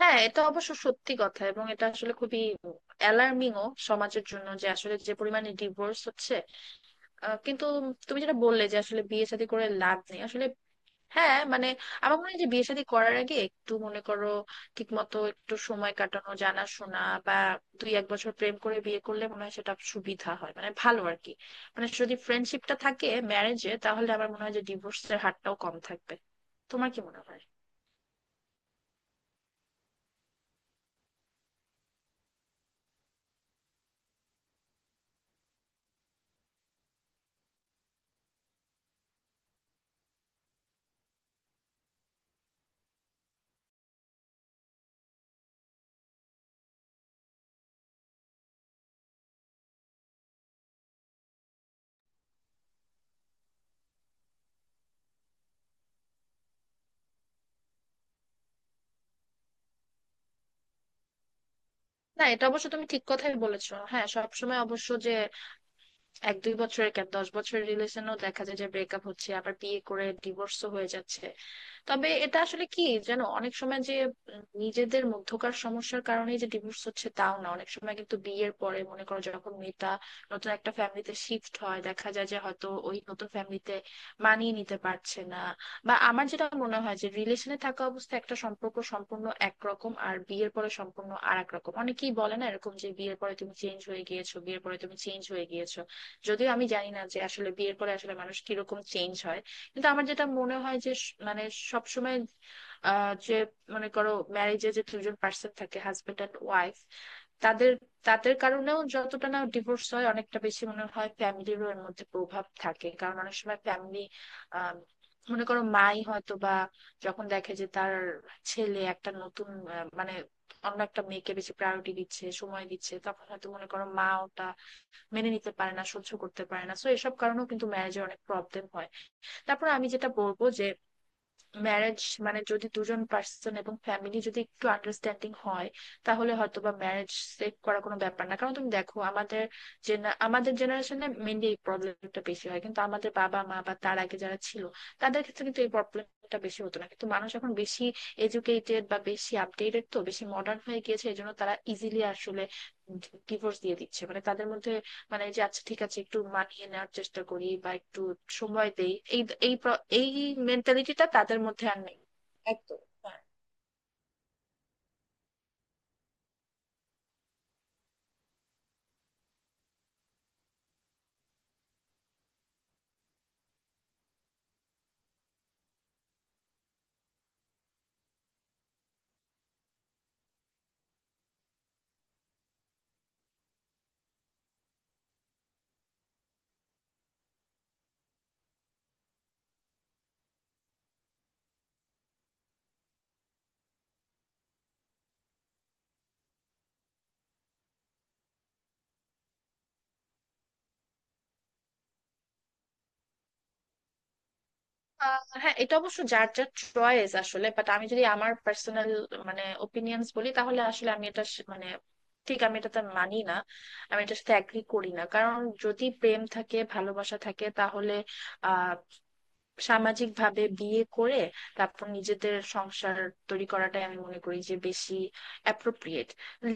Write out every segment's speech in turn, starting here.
হ্যাঁ, এটা অবশ্য সত্যি কথা। এবং এটা আসলে খুবই অ্যালার্মিং ও সমাজের জন্য, যে আসলে যে পরিমাণে ডিভোর্স হচ্ছে। কিন্তু তুমি যেটা বললে যে আসলে বিয়ে শাদী করে লাভ নেই, আসলে হ্যাঁ মানে আমার মনে হয় যে বিয়ে শাদী করার আগে একটু মনে করো ঠিক মতো একটু সময় কাটানো, জানাশোনা, বা দুই এক বছর প্রেম করে বিয়ে করলে মনে হয় সেটা সুবিধা হয়, মানে ভালো আর কি। মানে যদি ফ্রেন্ডশিপটা থাকে ম্যারেজে, তাহলে আমার মনে হয় যে ডিভোর্সের হারটাও কম থাকবে। তোমার কি মনে হয়? না এটা অবশ্য তুমি ঠিক কথাই বলেছো, হ্যাঁ। সবসময় অবশ্য এক দুই বছরের কেন, 10 বছরের রিলেশনেও দেখা যায় যে ব্রেকআপ হচ্ছে, আবার বিয়ে করে ডিভোর্সও হয়ে যাচ্ছে। তবে এটা আসলে কি, যেন অনেক সময় যে নিজেদের মধ্যকার সমস্যার কারণে যে ডিভোর্স হচ্ছে তাও না, অনেক সময় কিন্তু বিয়ের পরে মনে করো যখন মেয়েটা নতুন একটা ফ্যামিলিতে শিফট হয়, দেখা যায় যে হয়তো ওই নতুন ফ্যামিলিতে মানিয়ে নিতে পারছে না। বা আমার যেটা মনে হয় যে রিলেশনে থাকা অবস্থায় একটা সম্পর্ক সম্পূর্ণ একরকম, আর বিয়ের পরে সম্পূর্ণ আর এক রকম। অনেকেই বলে না এরকম যে বিয়ের পরে তুমি চেঞ্জ হয়ে গিয়েছো, বিয়ের পরে তুমি চেঞ্জ হয়ে গিয়েছো। যদিও আমি জানি না যে আসলে বিয়ের পরে আসলে মানুষ কিরকম চেঞ্জ হয়। কিন্তু আমার যেটা মনে হয় যে মানে সবসময় যে মনে করো ম্যারেজে যে দুজন পার্সন থাকে, হাজবেন্ড অ্যান্ড ওয়াইফ, তাদের তাদের কারণেও যতটা না ডিভোর্স হয়, অনেকটা বেশি মনে হয় ফ্যামিলিরও এর মধ্যে প্রভাব থাকে। কারণ অনেক সময় ফ্যামিলি, মনে করো মাই হয়তো বা যখন দেখে যে তার ছেলে একটা নতুন মানে অন্য একটা মেয়েকে বেশি প্রায়োরিটি দিচ্ছে, সময় দিচ্ছে, তখন হয়তো মনে করো মা ওটা মেনে নিতে পারে না, সহ্য করতে পারে না। তো এসব কারণেও কিন্তু ম্যারেজে অনেক প্রবলেম হয়। তারপর আমি যেটা বলবো যে ম্যারেজ, মানে যদি দুজন পার্সন এবং ফ্যামিলি যদি একটু আন্ডারস্ট্যান্ডিং হয়, তাহলে হয়তো বা ম্যারেজ সেভ করা কোনো ব্যাপার না। কারণ তুমি দেখো আমাদের আমাদের জেনারেশনে মেনলি এই প্রবলেমটা বেশি হয়, কিন্তু আমাদের বাবা মা বা তার আগে যারা ছিল তাদের ক্ষেত্রে কিন্তু এই প্রবলেমটা বেশি হতো না। কিন্তু মানুষ এখন বেশি এডুকেটেড বা বেশি আপডেটেড, তো বেশি মডার্ন হয়ে গিয়েছে, এই জন্য তারা ইজিলি আসলে ডিভোর্স দিয়ে দিচ্ছে। মানে তাদের মধ্যে মানে যে আচ্ছা ঠিক আছে একটু মানিয়ে নেওয়ার চেষ্টা করি বা একটু সময় দেই, এই এই প্র- এই মেন্টালিটিটা তাদের মধ্যে আর নেই। একদম। হ্যাঁ। হ্যাঁ এটা অবশ্য যার যার চয়েস আসলে, বাট আমি যদি আমার পার্সোনাল মানে ওপিনিয়ন্স বলি, তাহলে আসলে আমি এটা মানে ঠিক আমি এটাতে মানি না, আমি এটার সাথে অ্যাগ্রি করি না। কারণ যদি প্রেম থাকে ভালোবাসা থাকে, তাহলে আহ সামাজিকভাবে বিয়ে করে তারপর নিজেদের সংসার তৈরি করাটাই আমি মনে করি যে বেশি অ্যাপ্রোপ্রিয়েট।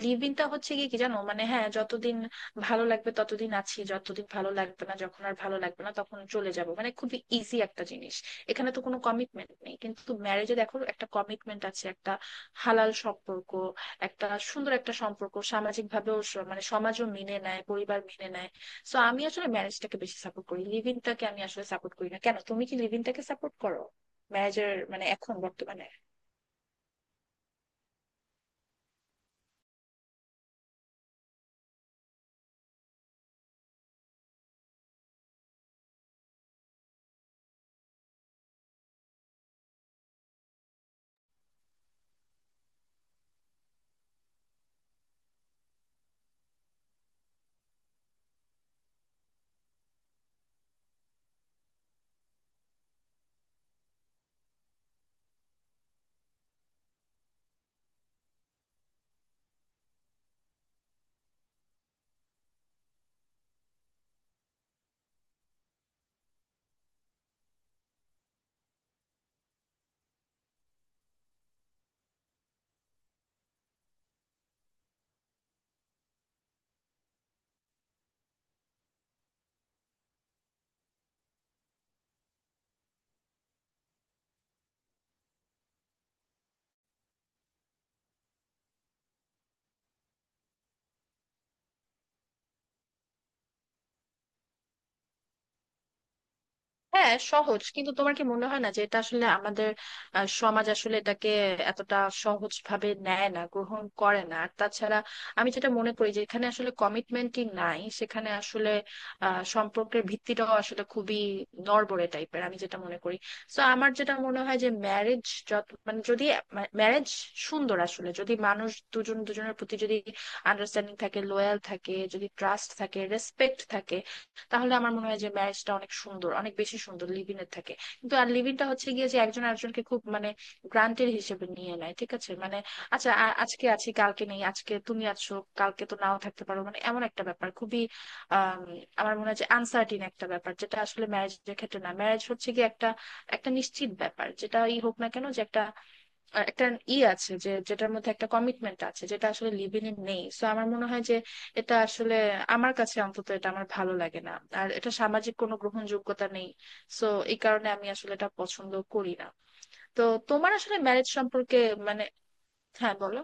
লিভ ইনটা হচ্ছে কি কি জানো, মানে হ্যাঁ যতদিন ভালো লাগবে ততদিন আছি, যতদিন ভালো লাগবে না, যখন আর ভালো লাগবে না তখন চলে যাব, মানে খুবই ইজি একটা জিনিস। এখানে তো কোনো কমিটমেন্ট নেই। কিন্তু ম্যারেজে দেখো একটা কমিটমেন্ট আছে, একটা হালাল সম্পর্ক, একটা সুন্দর একটা সম্পর্ক, সামাজিক ভাবেও মানে সমাজও মেনে নেয়, পরিবার মেনে নেয়। সো আমি আসলে ম্যারেজটাকে বেশি সাপোর্ট করি, লিভ ইনটাকে আমি আসলে সাপোর্ট করি না। কেন, তুমি কি লিভ ইনটাকে সাপোর্ট করো ম্যারেজের, মানে এখন বর্তমানে? হ্যাঁ সহজ, কিন্তু তোমার কি মনে হয় না যে এটা আসলে আমাদের সমাজ আসলে এটাকে এতটা সহজ ভাবে নেয় না, গ্রহণ করে না? আর তাছাড়া আমি যেটা মনে করি যে এখানে আসলে কমিটমেন্টই নাই, সেখানে আসলে সম্পর্কের ভিত্তিটাও আসলে খুবই নড়বড়ে টাইপের আমি যেটা মনে করি। তো আমার যেটা মনে হয় যে ম্যারেজ যত মানে যদি ম্যারেজ সুন্দর, আসলে যদি মানুষ দুজন দুজনের প্রতি যদি আন্ডারস্ট্যান্ডিং থাকে, লোয়াল থাকে, যদি ট্রাস্ট থাকে রেসপেক্ট থাকে, তাহলে আমার মনে হয় যে ম্যারেজটা অনেক সুন্দর, অনেক বেশি সুন্দর লিভিং এর থেকে। কিন্তু আর লিভিংটা হচ্ছে গিয়ে যে একজন আরেকজনকে খুব মানে গ্রান্টেড হিসেবে নিয়ে নেয়, ঠিক আছে মানে আচ্ছা আজকে আছি কালকে নেই, আজকে তুমি আছো কালকে তো নাও থাকতে পারো, মানে এমন একটা ব্যাপার খুবই আম, আমার মনে হয় যে আনসার্টিন একটা ব্যাপার, যেটা আসলে ম্যারেজের ক্ষেত্রে না। ম্যারেজ হচ্ছে গিয়ে একটা, একটা নিশ্চিত ব্যাপার যেটাই হোক না কেন, যে একটা একটা ই আছে, যে যেটার মধ্যে একটা কমিটমেন্ট আছে, যেটা আসলে লিভিং এ নেই। সো আমার মনে হয় যে এটা আসলে আমার কাছে অন্তত এটা আমার ভালো লাগে না, আর এটা সামাজিক কোনো গ্রহণযোগ্যতা নেই। সো এই কারণে আমি আসলে এটা পছন্দ করি না। তো তোমার আসলে ম্যারেজ সম্পর্কে মানে, হ্যাঁ বলো।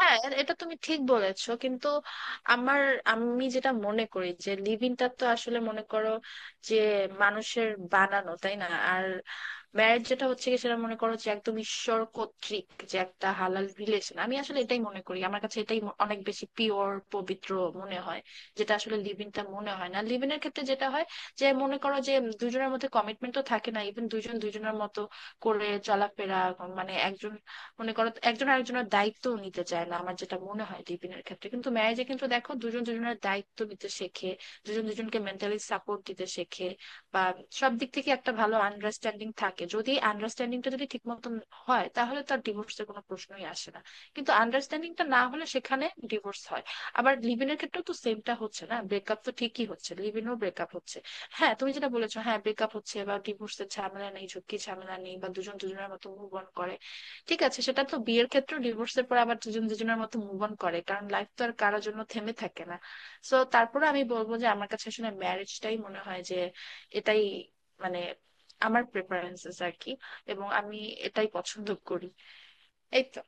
হ্যাঁ, এটা তুমি ঠিক বলেছো, কিন্তু আমার আমি যেটা মনে করি যে লিভিংটা তো আসলে মনে করো যে মানুষের বানানো, তাই না? আর ম্যারেজ যেটা হচ্ছে কি, সেটা মনে করো যে একদম ঈশ্বর কর্তৃক যে একটা হালাল রিলেশন, আমি আসলে এটাই মনে করি। আমার কাছে এটাই ম- অনেক বেশি পিওর পবিত্র মনে হয়। যেটা আসলে লিভিংটা মনে হয় না। লিভিনের ক্ষেত্রে যেটা হয়, যে মনে করো যে দুজনের মধ্যে কমিটমেন্ট তো থাকে না, ইভেন দুজন দুজনের মতো করে চলাফেরা, মানে একজন মনে করো একজন আরেকজনের দায়িত্ব নিতে চায় না আমার যেটা মনে হয় লিভিনের ক্ষেত্রে। কিন্তু ম্যারেজে কিন্তু দেখো দুজন দুজনের দায়িত্ব নিতে শেখে, দুজন দুজনকে মেন্টালি সাপোর্ট দিতে শেখে, বা সব দিক থেকে একটা ভালো আন্ডারস্ট্যান্ডিং থাকে। যদি এই আন্ডারস্ট্যান্ডিংটা যদি ঠিক মতন হয়, তাহলে তার ডিভোর্সের কোনো প্রশ্নই আসে না। কিন্তু আন্ডারস্ট্যান্ডিংটা না হলে সেখানে ডিভোর্স হয়। আবার লিভ ইনের ক্ষেত্রেও তো সেমটা হচ্ছে না, ব্রেকআপ তো ঠিকই হচ্ছে, লিভ ইনও ব্রেকআপ হচ্ছে। হ্যাঁ তুমি যেটা বলেছো, হ্যাঁ ব্রেকআপ হচ্ছে বা ডিভোর্সের ঝামেলা নেই, ঝুঁকি ঝামেলা নেই, বা দুজন দুজনের মতো মুভ অন করে, ঠিক আছে, সেটা তো বিয়ের ক্ষেত্রেও ডিভোর্সের পর আবার দুজন দুজনের মতো মুভ অন করে, কারণ লাইফ তো আর কারোর জন্য থেমে থাকে না। সো তারপরে আমি বলবো যে আমার কাছে আসলে ম্যারেজটাই মনে হয় যে এটাই, মানে আমার প্রেফারেন্সেস আর কি, এবং আমি এটাই পছন্দ করি। এই তো।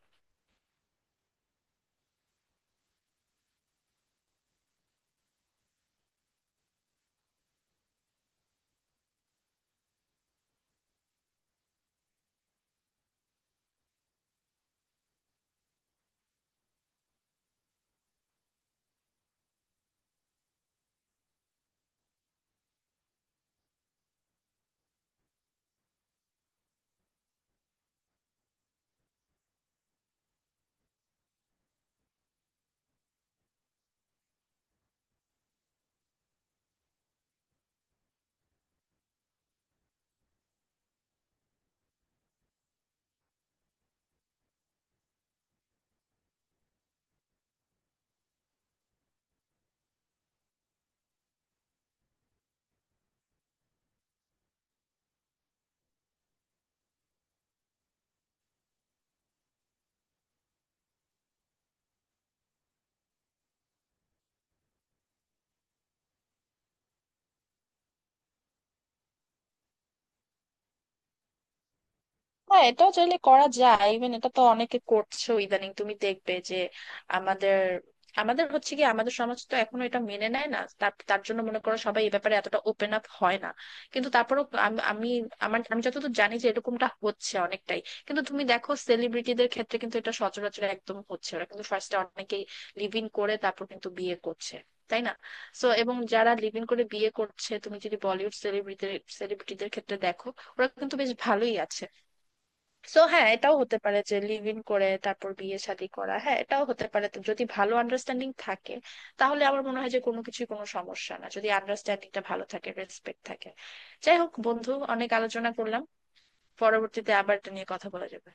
না এটা চাইলে করা যায়, ইভেন এটা তো অনেকে করছে ইদানিং, তুমি দেখবে যে আমাদের আমাদের হচ্ছে কি, আমাদের সমাজ তো এখনো এটা মেনে নেয় না, তার তার জন্য মনে করো সবাই এই ব্যাপারে এতটা ওপেন আপ হয় না। কিন্তু তারপরেও আমি, আমি যতদূর জানি যে এরকমটা হচ্ছে অনেকটাই। কিন্তু তুমি দেখো সেলিব্রিটিদের ক্ষেত্রে কিন্তু এটা সচরাচর একদম হচ্ছে, ওরা কিন্তু ফার্স্টে অনেকেই লিভ ইন করে তারপর কিন্তু বিয়ে করছে, তাই না? সো এবং যারা লিভ ইন করে বিয়ে করছে তুমি যদি বলিউড সেলিব্রিটিদের সেলিব্রিটিদের ক্ষেত্রে দেখো, ওরা কিন্তু বেশ ভালোই আছে। সো হ্যাঁ এটাও হতে পারে যে লিভ ইন করে তারপর বিয়ে শাদী করা, হ্যাঁ এটাও হতে পারে। তো যদি ভালো আন্ডারস্ট্যান্ডিং থাকে, তাহলে আমার মনে হয় যে কোনো কিছুই কোনো সমস্যা না, যদি আন্ডারস্ট্যান্ডিংটা ভালো থাকে, রেসপেক্ট থাকে। যাই হোক বন্ধু, অনেক আলোচনা করলাম, পরবর্তীতে আবার এটা নিয়ে কথা বলা যাবে।